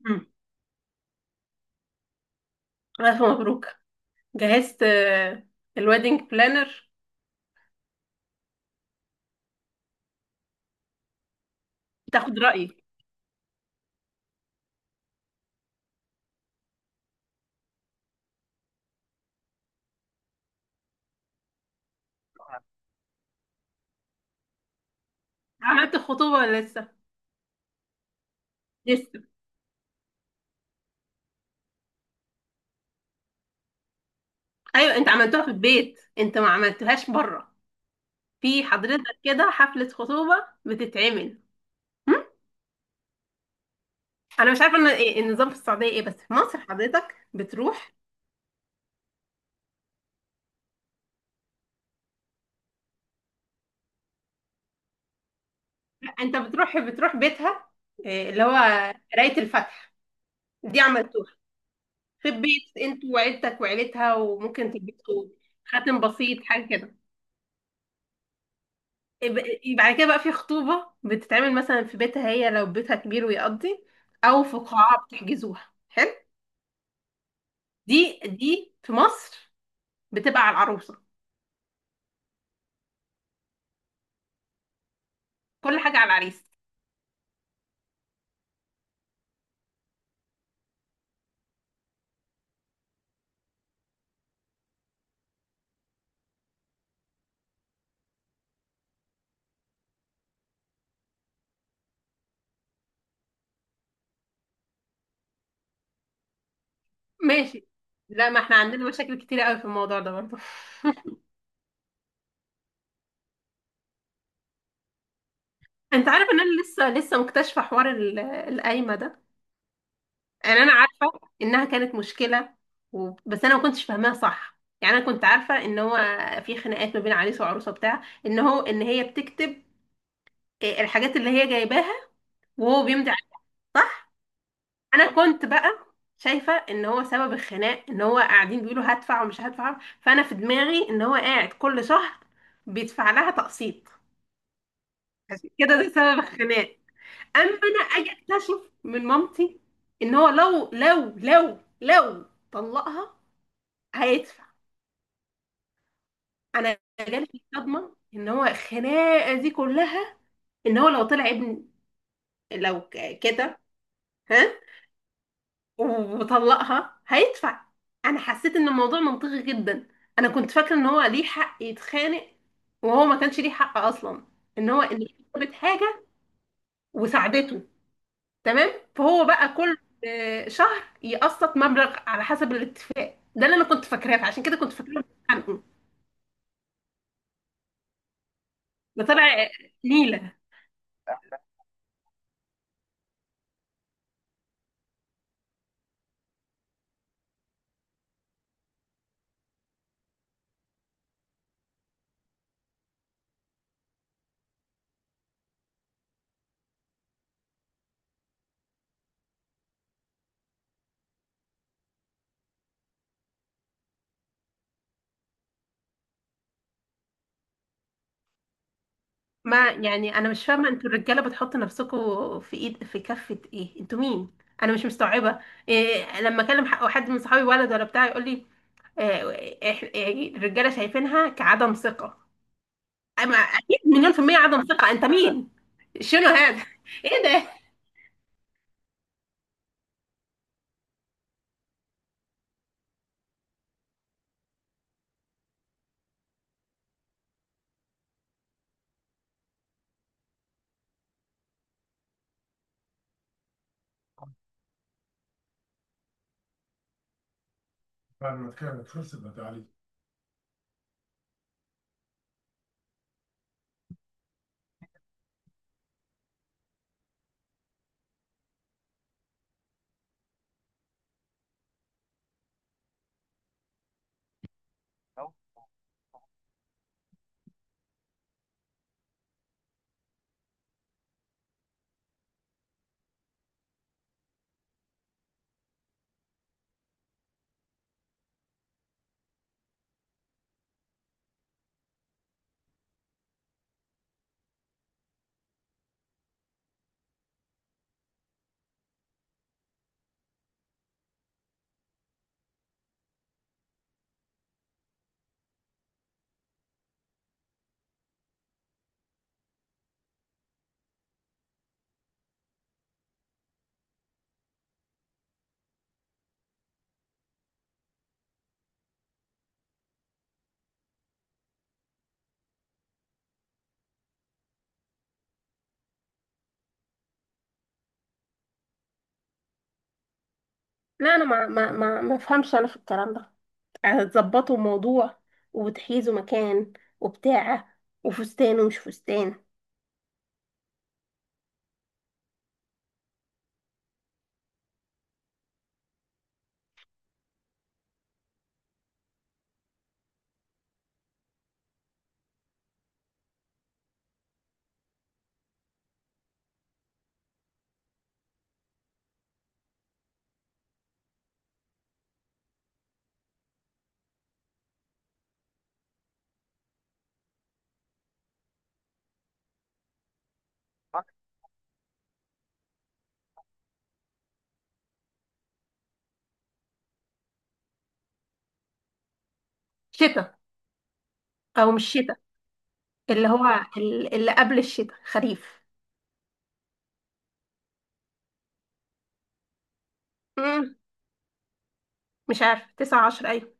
مم. ألف مبروك. جهزت الويدنج بلانر. تاخد رأيي. عملت الخطوبة ولا لسه؟ لسه. أيوة، أنت عملتوها في البيت، أنت ما عملتوهاش بره؟ في حضرتك كده حفلة خطوبة بتتعمل؟ مم؟ أنا مش عارفة إن إيه النظام في السعودية، إيه، بس في مصر حضرتك بتروح. أنت بتروح بيتها، إيه، اللي هو قراية الفاتحة، دي عملتوها في البيت أنت وعيلتك وعيلتها، وممكن تلبسوا خاتم بسيط حاجة كده. يبقى كده بقى في خطوبة بتتعمل مثلا في بيتها، هي لو بيتها كبير ويقضي، او في قاعة بتحجزوها، حلو. دي في مصر بتبقى على العروسة. كل حاجة على العريس. ماشي. لا، ما احنا عندنا مشاكل كتير قوي في الموضوع ده برضه. انت عارف ان انا لسه مكتشفة حوار القايمة ده. يعني انا عارفة انها كانت مشكلة، و بس انا ما كنتش فاهماها صح. يعني انا كنت عارفة ان هو في خناقات ما بين عريس وعروسة بتاع، ان هو ان هي بتكتب الحاجات اللي هي جايباها وهو بيمضي عليه. صح. انا كنت بقى شايفه ان هو سبب الخناق ان هو قاعدين بيقولوا هدفع ومش هدفع، فانا في دماغي ان هو قاعد كل شهر بيدفع لها تقسيط، عشان كده ده سبب الخناق. اما انا اجي اكتشف من مامتي ان هو لو طلقها هيدفع. انا جالي صدمه ان هو الخناقه دي كلها ان هو لو طلع ابن، لو كده. ها. وبطلقها هيدفع. انا حسيت ان الموضوع منطقي جدا. انا كنت فاكره ان هو ليه حق يتخانق، وهو ما كانش ليه حق اصلا، ان هو اللي كسبت حاجه وساعدته. تمام. فهو بقى كل شهر يقسط مبلغ على حسب الاتفاق، ده اللي انا كنت فاكراه، فعشان كده كنت فاكره بيتخانقوا. ده طلع نيله. ما يعني انا مش فاهمه انتوا الرجاله بتحطوا نفسكم في ايد، في كفه ايه؟ انتوا مين؟ انا مش مستوعبه. إيه لما اكلم حد من صحابي ولد ولا بتاع يقول لي آه، يعني الرجاله شايفينها كعدم ثقه. اما اكيد مليون في الميه عدم ثقه، انت مين؟ شنو هذا؟ ايه ده؟ لا، انا ما افهمش انا في الكلام ده. هتظبطوا موضوع، وتحيزوا مكان، وبتاع، وفستان ومش فستان. شتاء او مش شتاء؟ اللي هو اللي قبل الشتاء، خريف. مم. مش عارف، 9 10، ايوه.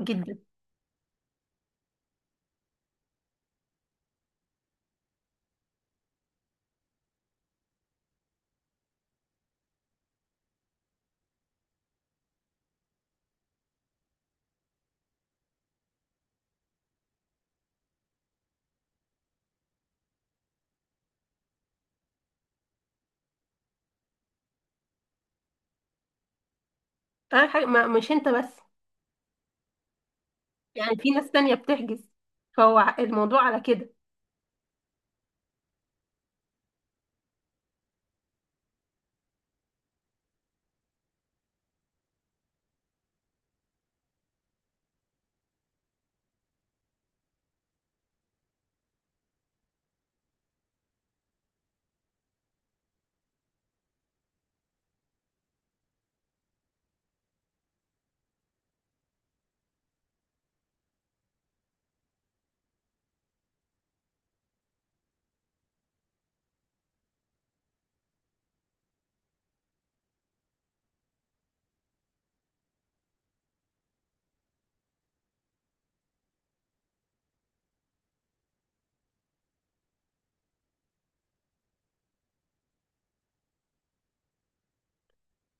جدا. أنا حاجة، ما مش انت بس، يعني في ناس تانية بتحجز، فهو الموضوع على كده.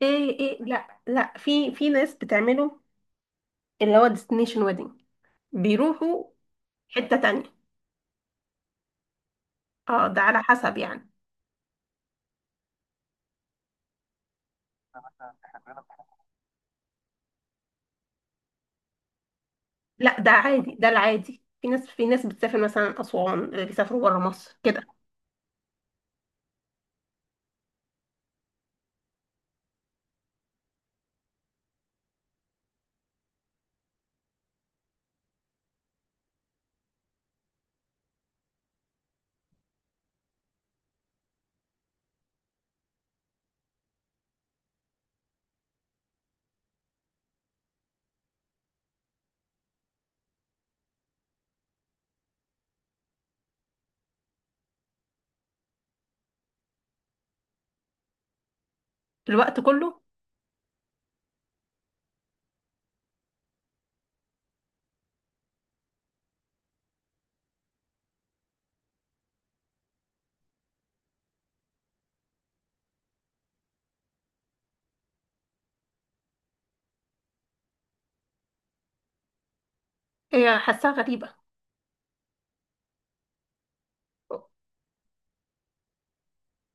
ايه. ايه، لا لا، في ناس بتعمله، اللي هو ديستنيشن ويدنج، بيروحوا حتة تانية. اه، ده على حسب يعني. لا، ده عادي، ده العادي، في ناس بتسافر مثلا أسوان، بيسافروا بره مصر كده. الوقت كله. هي حاساها غريبة.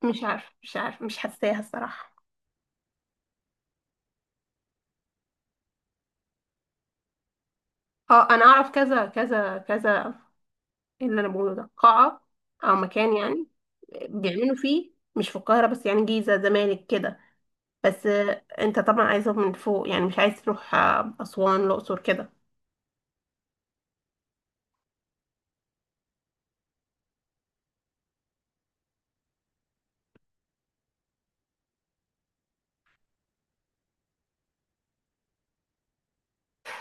مش عارف، مش عارف، مش حاساها الصراحة. اه، انا اعرف كذا كذا كذا، اللي انا بقوله ده قاعة او مكان يعني بيعملوا فيه، مش في القاهرة بس، يعني جيزة زمالك كده. بس انت طبعا عايزه من فوق، يعني مش عايز تروح اسوان الاقصر كده.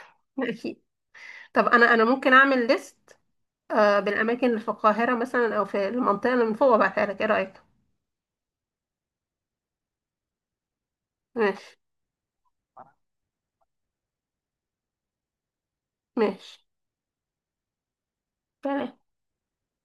لا، اكيد. طب انا ممكن اعمل ليست بالاماكن اللي في القاهره مثلا او في المنطقه اللي من فوق وابعتها لك، ايه رايك؟ ماشي. ماشي. سلام.